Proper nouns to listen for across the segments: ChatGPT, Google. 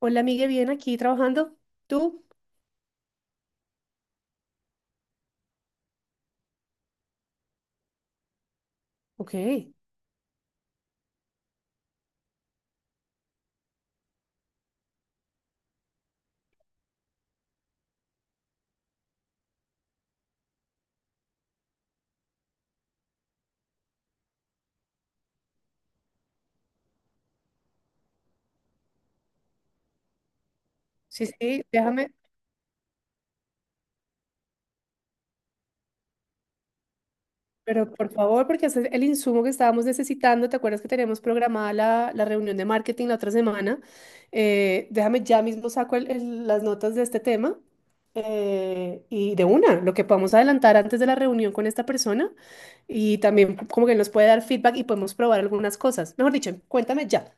Hola, Miguel, bien aquí trabajando. ¿Tú? Ok. Sí, sí, déjame. Pero por favor, porque ese es el insumo que estábamos necesitando. ¿Te acuerdas que teníamos programada la reunión de marketing la otra semana? Déjame ya mismo saco las notas de este tema. Y de una, lo que podamos adelantar antes de la reunión con esta persona. Y también como que nos puede dar feedback y podemos probar algunas cosas. Mejor dicho, cuéntame ya.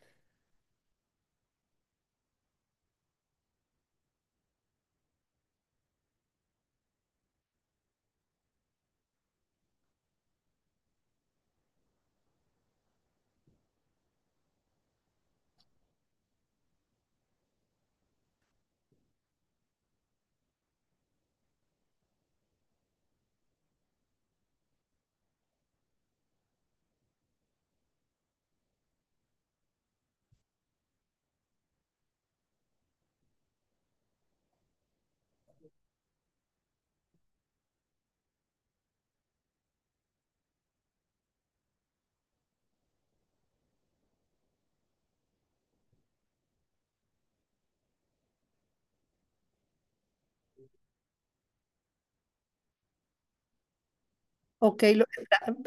Ok,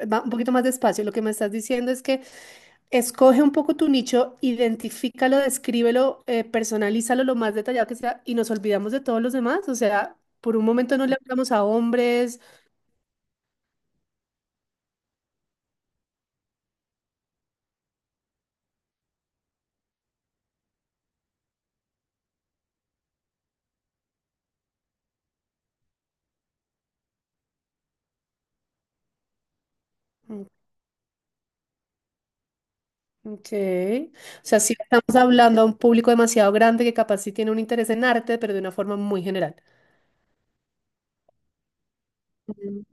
va un poquito más despacio. Lo que me estás diciendo es que escoge un poco tu nicho, identifícalo, descríbelo, personalízalo lo más detallado que sea y nos olvidamos de todos los demás. O sea, por un momento no le hablamos a hombres. Mm, ok. O sea, sí estamos hablando a un público demasiado grande que capaz sí tiene un interés en arte, pero de una forma muy general. Mm.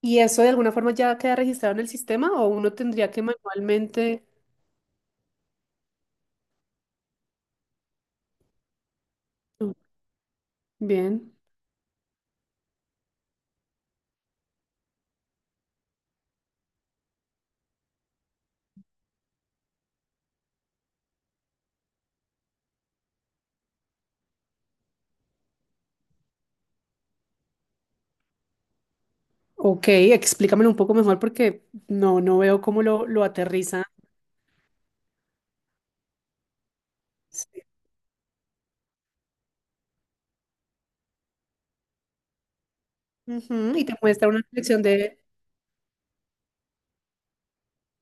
¿Y eso de alguna forma ya queda registrado en el sistema, o uno tendría que manualmente? Mm, bien. Ok, explícamelo un poco mejor porque no veo cómo lo aterriza. Ujú, y te muestra una selección de...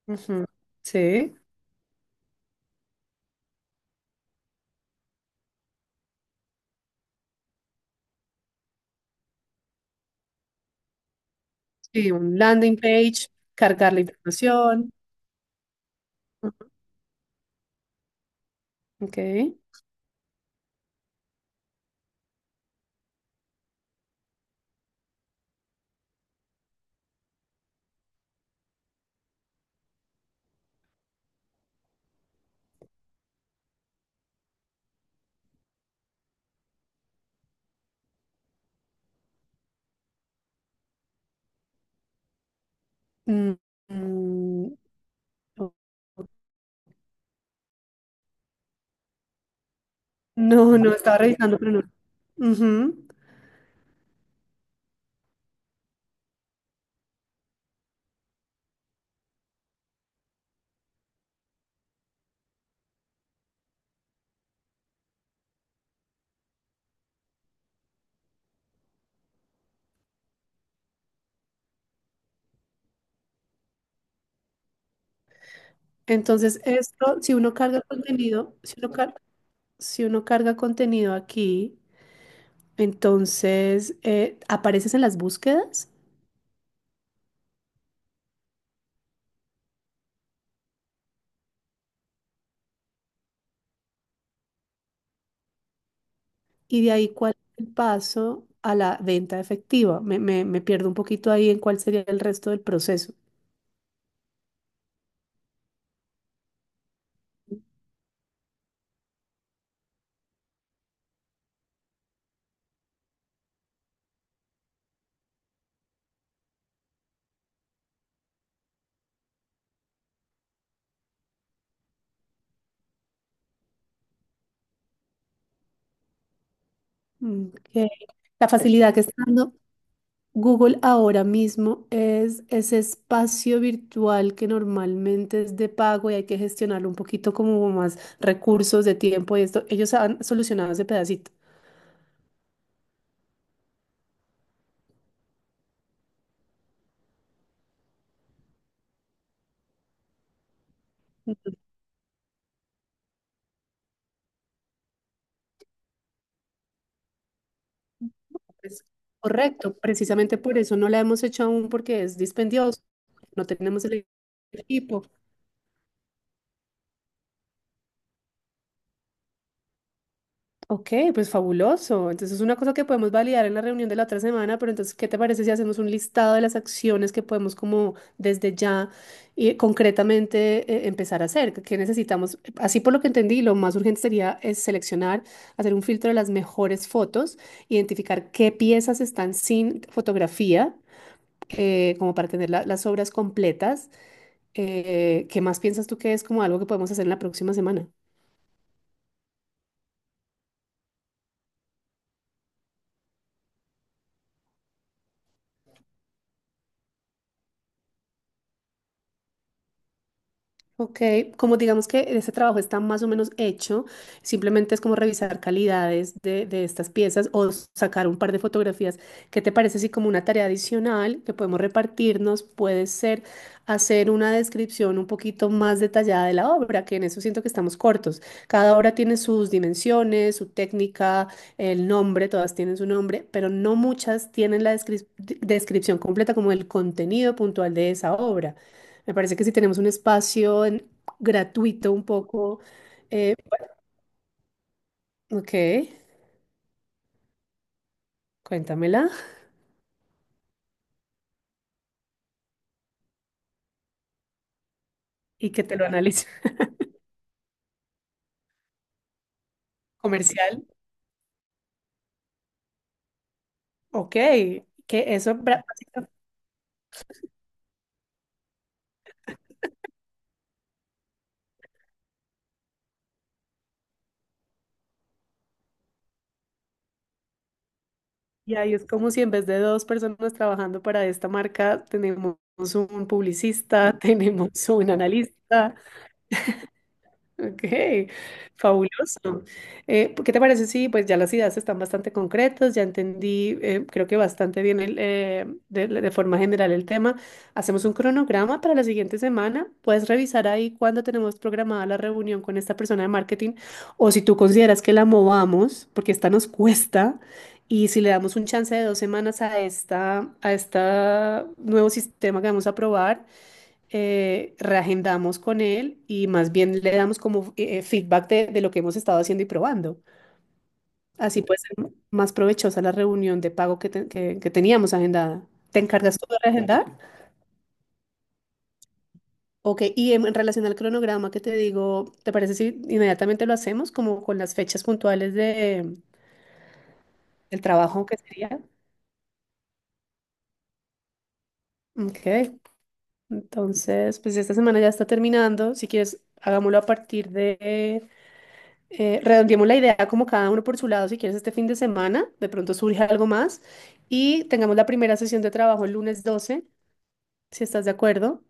Ujú. Sí, sí, un landing page, cargar la información. Ok. Mm, mm, no, no, estaba revisando, pero no. Ujú. Entonces, esto, si uno carga contenido aquí, entonces apareces en las búsquedas, ¿y de ahí cuál es el paso a la venta efectiva? Me pierdo un poquito ahí en cuál sería el resto del proceso. Mm, ok. La facilidad que está dando Google ahora mismo es ese espacio virtual que normalmente es de pago y hay que gestionarlo un poquito como más recursos de tiempo y esto. Ellos han solucionado ese pedacito. No, pues, correcto, precisamente por eso no la hemos hecho aún porque es dispendioso, no tenemos el equipo. Ok, pues fabuloso. Entonces es una cosa que podemos validar en la reunión de la otra semana, pero entonces, ¿qué te parece si hacemos un listado de las acciones que podemos como desde ya y concretamente empezar a hacer? ¿Qué necesitamos? Así por lo que entendí, lo más urgente sería es seleccionar, hacer un filtro de las mejores fotos, identificar qué piezas están sin fotografía, como para tener las obras completas. ¿Qué más piensas tú que es como algo que podemos hacer en la próxima semana? Ok, como digamos que ese trabajo está más o menos hecho, simplemente es como revisar calidades de estas piezas o sacar un par de fotografías. ¿Qué te parece si como una tarea adicional que podemos repartirnos puede ser hacer una descripción un poquito más detallada de la obra? Que en eso siento que estamos cortos. Cada obra tiene sus dimensiones, su técnica, el nombre, todas tienen su nombre, pero no muchas tienen la descripción completa como el contenido puntual de esa obra. Me parece que si tenemos un espacio gratuito un poco. Eh, ok, cuéntamela y que te lo analice. Comercial, ok, que eso básicamente, y ahí es como si en vez de dos personas trabajando para esta marca, tenemos un publicista, tenemos un analista. Ok, fabuloso. ¿Qué te parece? Sí, pues ya las ideas están bastante concretas, ya entendí, creo que bastante bien de forma general el tema. Hacemos un cronograma para la siguiente semana. Puedes revisar ahí cuándo tenemos programada la reunión con esta persona de marketing, o si tú consideras que la movamos, porque esta nos cuesta, y si le damos un chance de 2 semanas a esta, nuevo sistema que vamos a probar, reagendamos con él y más bien le damos como feedback de lo que hemos estado haciendo y probando. Así puede ser más provechosa la reunión de pago que teníamos agendada. ¿Te encargas tú de reagendar? Ok, y en relación al cronograma que te digo, ¿te parece si inmediatamente lo hacemos como con las fechas puntuales del trabajo que sería? Ok, entonces, pues esta semana ya está terminando. Si quieres, hagámoslo a partir de redondeemos la idea como cada uno por su lado, si quieres este fin de semana, de pronto surge algo más, y tengamos la primera sesión de trabajo el lunes 12, si estás de acuerdo.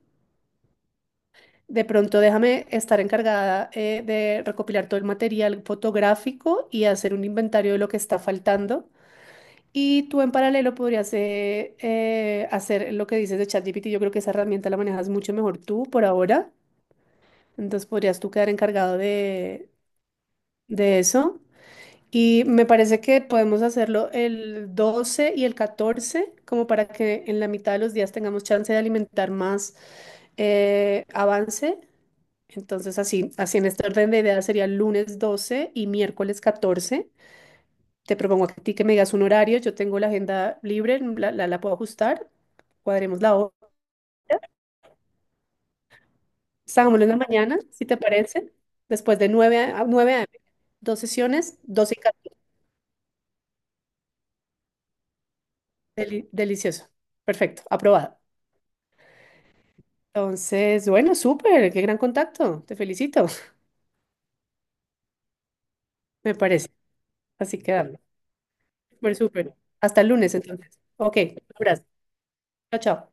De pronto déjame estar encargada de recopilar todo el material fotográfico y hacer un inventario de lo que está faltando. Y tú en paralelo podrías hacer lo que dices de ChatGPT. Yo creo que esa herramienta la manejas mucho mejor tú por ahora. Entonces podrías tú quedar encargado de eso. Y me parece que podemos hacerlo el 12 y el 14, como para que en la mitad de los días tengamos chance de alimentar más avance. Entonces, así en este orden de ideas sería lunes 12 y miércoles 14. Te propongo a ti que me digas un horario. Yo tengo la agenda libre, la puedo ajustar. Cuadremos la hora. Salgámoslo en la mañana, si te parece. Después de 9 a 9 a.m. Dos sesiones, 12 y 14. Delicioso. Perfecto, aprobado. Entonces, bueno, súper, qué gran contacto, te felicito. Me parece. Así quedarlo. Súper, súper. Hasta el lunes entonces. Ok, un abrazo. Chao, chao.